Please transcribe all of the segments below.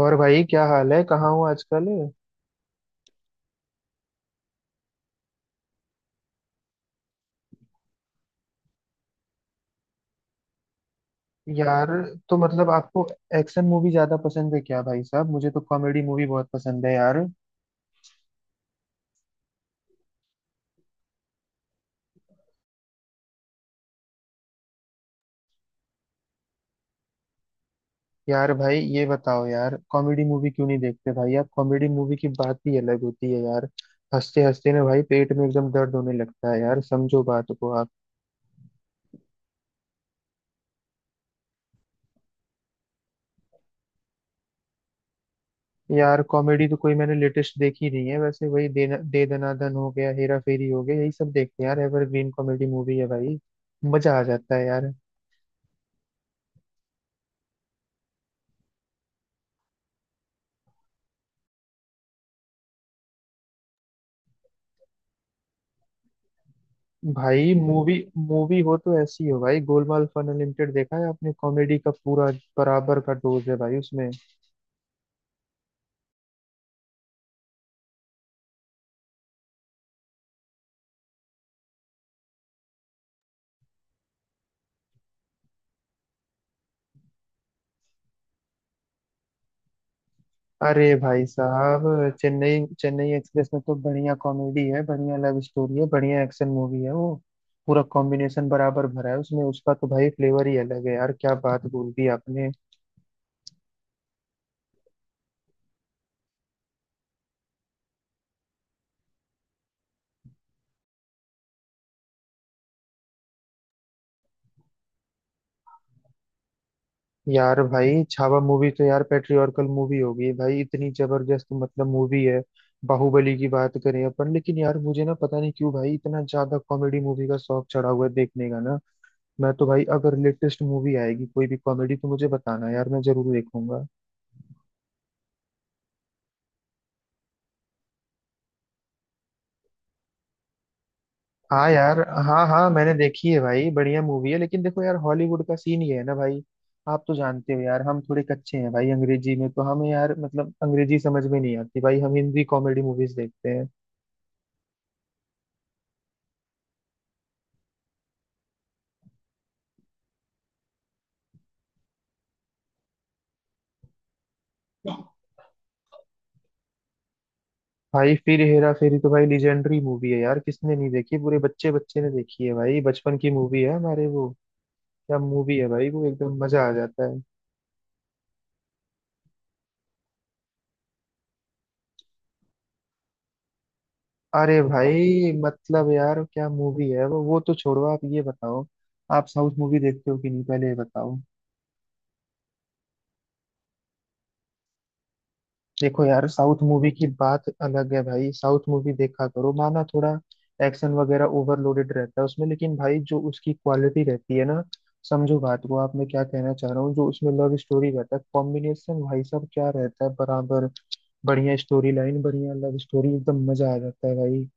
और भाई क्या हाल है, कहाँ हो आजकल। यार, तो मतलब आपको एक्शन मूवी ज्यादा पसंद है क्या भाई साहब? मुझे तो कॉमेडी मूवी बहुत पसंद है यार। यार भाई ये बताओ यार, कॉमेडी मूवी क्यों नहीं देखते भाई आप? कॉमेडी मूवी की बात ही अलग होती है यार। हंसते हंसते ना भाई पेट में एकदम दर्द होने लगता है यार, समझो बात को आप। यार कॉमेडी तो कोई मैंने लेटेस्ट देखी नहीं है, वैसे वही दे दनादन हो गया, हेरा फेरी हो गया, यही सब देखते हैं यार। एवरग्रीन कॉमेडी मूवी है भाई, मजा आ जाता है यार। भाई मूवी मूवी हो तो ऐसी हो भाई। गोलमाल फन अनलिमिटेड देखा है आपने? कॉमेडी का पूरा बराबर का डोज है भाई उसमें। अरे भाई साहब, चेन्नई चेन्नई एक्सप्रेस में तो बढ़िया कॉमेडी है, बढ़िया लव स्टोरी है, बढ़िया एक्शन मूवी है वो। पूरा कॉम्बिनेशन बराबर भरा है उसमें, उसका तो भाई फ्लेवर ही अलग है यार। क्या बात बोल दी आपने। यार भाई छावा मूवी तो यार पेट्रियर्कल मूवी होगी भाई, इतनी जबरदस्त मतलब मूवी है। बाहुबली की बात करें अपन, लेकिन यार मुझे ना पता नहीं क्यों भाई इतना ज्यादा कॉमेडी मूवी का शौक चढ़ा हुआ है देखने का ना। मैं तो भाई अगर लेटेस्ट मूवी आएगी कोई भी कॉमेडी तो मुझे बताना यार, मैं जरूर देखूंगा। हाँ यार। हाँ हाँ, मैंने देखी है भाई, बढ़िया मूवी है। लेकिन देखो यार हॉलीवुड का सीन ये है ना भाई, आप तो जानते हो यार हम थोड़े कच्चे हैं भाई अंग्रेजी में। तो हमें यार मतलब अंग्रेजी समझ में नहीं आती भाई, हम हिंदी कॉमेडी मूवीज देखते हैं। भाई फिर हेरा फेरी तो भाई लीजेंडरी मूवी है यार, किसने नहीं देखी, पूरे बच्चे बच्चे ने देखी है भाई, बचपन की मूवी है हमारे वो। क्या मूवी है भाई वो, एकदम मजा आ जाता है। अरे भाई मतलब यार क्या मूवी है वो। वो तो छोड़ो, आप ये बताओ आप साउथ मूवी देखते हो कि नहीं, पहले ये बताओ। देखो यार साउथ मूवी की बात अलग है भाई, साउथ मूवी देखा करो। माना थोड़ा एक्शन वगैरह ओवरलोडेड रहता है उसमें, लेकिन भाई जो उसकी क्वालिटी रहती है ना, समझो बात को आप, मैं क्या कहना चाह रहा हूँ। जो उसमें लव स्टोरी रहता है, कॉम्बिनेशन भाई साहब क्या रहता है बराबर। बढ़िया स्टोरी लाइन, बढ़िया लव स्टोरी, एकदम मजा आ जाता है भाई।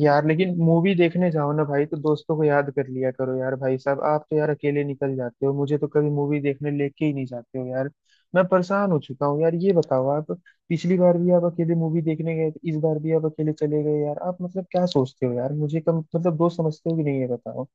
यार लेकिन मूवी देखने जाओ ना भाई तो दोस्तों को याद कर लिया करो यार। भाई साहब आप तो यार अकेले निकल जाते हो, मुझे तो कभी मूवी देखने लेके ही नहीं जाते हो यार। मैं परेशान हो चुका हूँ यार, ये बताओ आप। पिछली बार भी आप अकेले मूवी देखने गए थे, इस बार भी आप अकेले चले गए यार। आप मतलब क्या सोचते हो यार, मुझे कम मतलब दोस्त समझते हो कि नहीं, ये बताओ।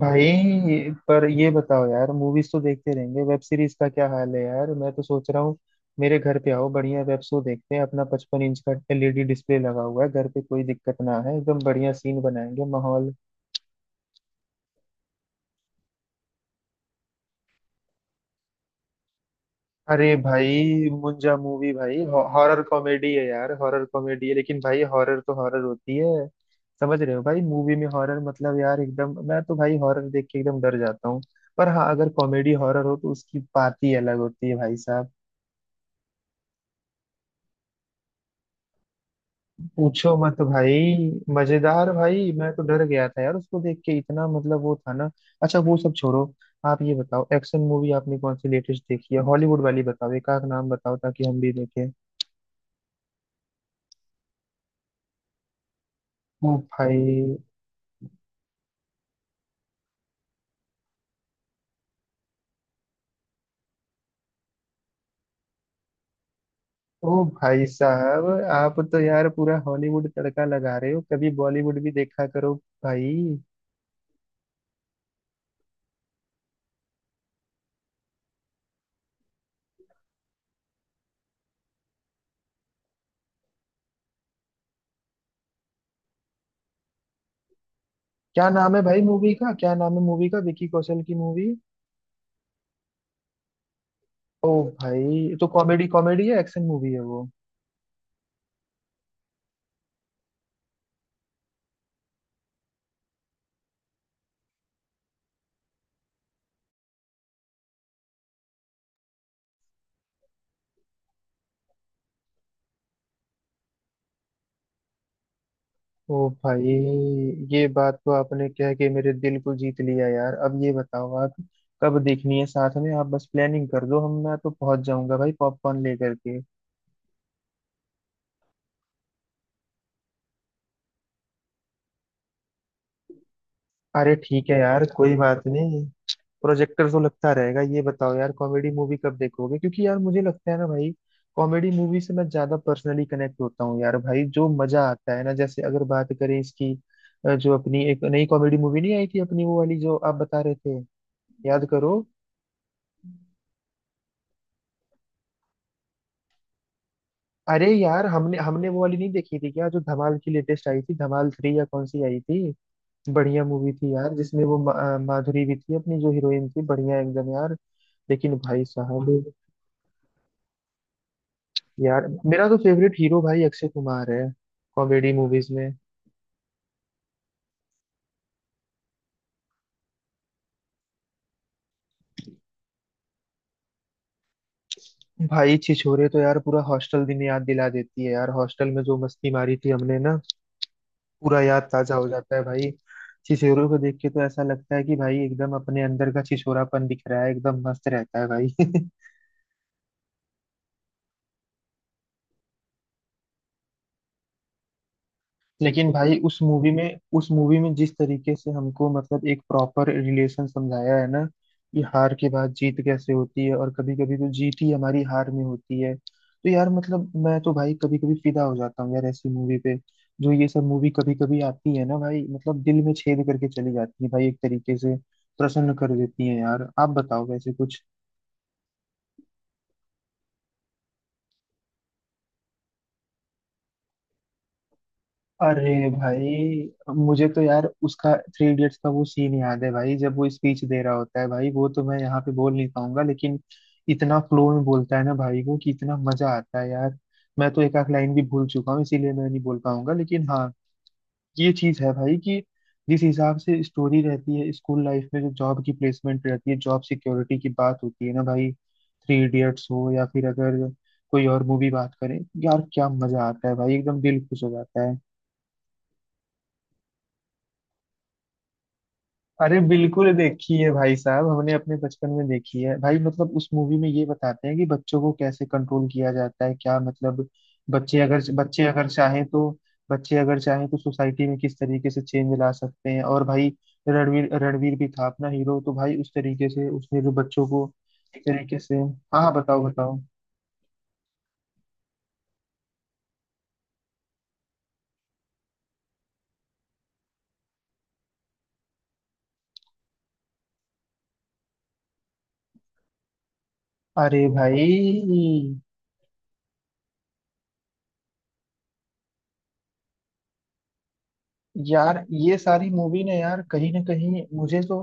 भाई पर ये बताओ यार, मूवीज तो देखते रहेंगे, वेब सीरीज का क्या हाल है यार? मैं तो सोच रहा हूँ मेरे घर पे आओ, बढ़िया वेब शो देखते हैं। अपना 55 इंच का एलईडी डिस्प्ले लगा हुआ है घर पे, कोई दिक्कत ना है, एकदम बढ़िया सीन बनाएंगे माहौल। अरे भाई मुंजा मूवी भाई, हॉरर कॉमेडी है यार, हॉरर कॉमेडी है। लेकिन भाई हॉरर तो हॉरर होती है, समझ रहे हो भाई, मूवी में हॉरर मतलब यार एकदम, मैं तो भाई हॉरर देख के एकदम डर जाता हूँ। पर हाँ, अगर कॉमेडी हॉरर हो तो उसकी बात ही अलग होती है भाई। पूछो मत भाई, मजेदार भाई, मैं तो डर गया था यार उसको देख के इतना, मतलब वो था ना। अच्छा वो सब छोड़ो, आप ये बताओ एक्शन मूवी आपने कौन सी लेटेस्ट देखी है, हॉलीवुड वाली बताओ, एक आध नाम बताओ ताकि हम भी देखें। ओ भाई। ओ भाई साहब, आप तो यार पूरा हॉलीवुड तड़का लगा रहे हो, कभी बॉलीवुड भी देखा करो भाई। क्या नाम है भाई मूवी का, क्या नाम है मूवी का, विकी कौशल की मूवी? ओ भाई, तो कॉमेडी कॉमेडी है, एक्शन मूवी है वो? ओ भाई, ये बात तो आपने क्या है कि मेरे दिल को जीत लिया यार। अब ये बताओ आप, कब देखनी है साथ में, आप बस प्लानिंग कर दो। हम मैं तो पहुंच जाऊंगा भाई पॉपकॉर्न लेकर के। अरे ठीक है यार, कोई बात नहीं। प्रोजेक्टर तो लगता रहेगा, ये बताओ यार कॉमेडी मूवी कब देखोगे, क्योंकि यार मुझे लगता है ना भाई, कॉमेडी मूवी से मैं ज्यादा पर्सनली कनेक्ट होता हूँ यार भाई। जो मजा आता है ना, जैसे अगर बात करें इसकी, जो अपनी एक नई कॉमेडी मूवी नहीं आई थी अपनी, वो वाली जो आप बता रहे थे, याद करो। अरे यार, हमने हमने वो वाली नहीं देखी थी क्या, जो धमाल की लेटेस्ट आई थी, धमाल थ्री या कौन सी आई थी। बढ़िया मूवी थी यार, जिसमें वो माधुरी भी थी अपनी, जो हीरोइन थी बढ़िया एकदम यार। लेकिन भाई साहब, यार मेरा तो फेवरेट हीरो भाई अक्षय कुमार है कॉमेडी मूवीज में। भाई छिछोरे तो यार पूरा हॉस्टल दिन याद दिला देती है यार, हॉस्टल में जो मस्ती मारी थी हमने ना, पूरा याद ताजा हो जाता है भाई। छिछोरे को देख के तो ऐसा लगता है कि भाई एकदम अपने अंदर का छिछोरापन दिख रहा है, एकदम मस्त रहता है भाई लेकिन भाई उस मूवी में, उस मूवी में जिस तरीके से हमको मतलब एक प्रॉपर रिलेशन समझाया है ना, कि हार के बाद जीत कैसे होती है, और कभी कभी तो जीत ही हमारी हार में होती है। तो यार मतलब मैं तो भाई कभी कभी फिदा हो जाता हूँ यार ऐसी मूवी पे। जो ये सब मूवी कभी कभी आती है ना भाई, मतलब दिल में छेद करके चली जाती है भाई, एक तरीके से प्रसन्न कर देती है यार। आप बताओ वैसे कुछ। अरे भाई, मुझे तो यार उसका थ्री इडियट्स का वो सीन याद है भाई, जब वो स्पीच दे रहा होता है भाई, वो तो मैं यहाँ पे बोल नहीं पाऊंगा लेकिन इतना फ्लो में बोलता है ना भाई वो, कि इतना मजा आता है यार। मैं तो एक आध लाइन भी भूल चुका हूँ, इसीलिए मैं नहीं बोल पाऊंगा। लेकिन हाँ, ये चीज है भाई कि जिस हिसाब से स्टोरी रहती है, स्कूल लाइफ में जो जॉब की प्लेसमेंट रहती है, जॉब सिक्योरिटी की बात होती है ना भाई, थ्री इडियट्स हो या फिर अगर कोई और मूवी बात करें, यार क्या मजा आता है भाई, एकदम दिल खुश हो जाता है। अरे बिल्कुल देखी है भाई साहब, हमने अपने बचपन में देखी है भाई। मतलब उस मूवी में ये बताते हैं कि बच्चों को कैसे कंट्रोल किया जाता है, क्या मतलब बच्चे अगर, चाहें तो बच्चे अगर चाहें तो सोसाइटी में किस तरीके से चेंज ला सकते हैं। और भाई रणवीर रणवीर भी था अपना हीरो, तो भाई उस तरीके से उसने जो बच्चों को एक तरीके से, हाँ हाँ, बताओ बताओ। अरे भाई यार, ये सारी मूवी ने यार कहीं ना कहीं मुझे तो,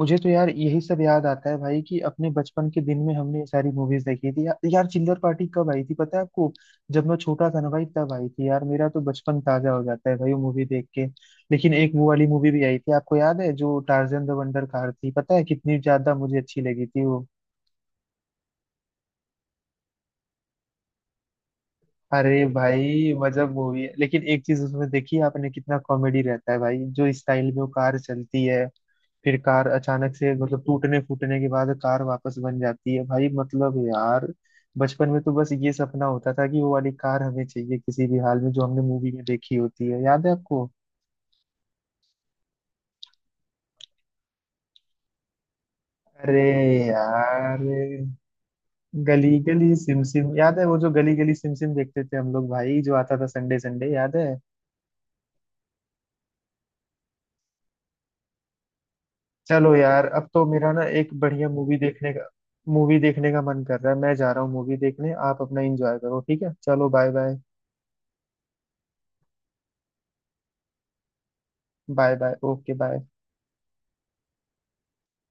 यार यही सब याद आता है भाई कि अपने बचपन के दिन में हमने ये सारी मूवीज देखी थी। यार चिल्लर पार्टी कब आई थी पता है आपको? जब मैं छोटा था ना भाई तब आई थी यार, मेरा तो बचपन ताजा हो जाता है भाई वो मूवी देख के। लेकिन एक वो वाली मूवी भी आई थी आपको याद है, जो टार्जन द वंडर कार थी, पता है कितनी ज्यादा मुझे अच्छी लगी थी वो। अरे भाई मजब मूवी है, लेकिन एक चीज उसमें देखी आपने, कितना कॉमेडी रहता है भाई, जो स्टाइल में वो कार चलती है, फिर कार अचानक से मतलब टूटने फूटने के बाद कार वापस बन जाती है भाई, मतलब यार बचपन में तो बस ये सपना होता था कि वो वाली कार हमें चाहिए किसी भी हाल में, जो हमने मूवी में देखी होती है, याद है आपको? अरे यार, गली गली सिम सिम याद है, वो जो गली गली सिम सिम देखते थे हम लोग भाई, जो आता था संडे संडे, याद है? चलो यार, अब तो मेरा ना एक बढ़िया मूवी देखने का, मूवी देखने का मन कर रहा है। मैं जा रहा हूँ मूवी देखने, आप अपना एंजॉय करो, ठीक है, चलो bye bye. Bye bye, okay bye.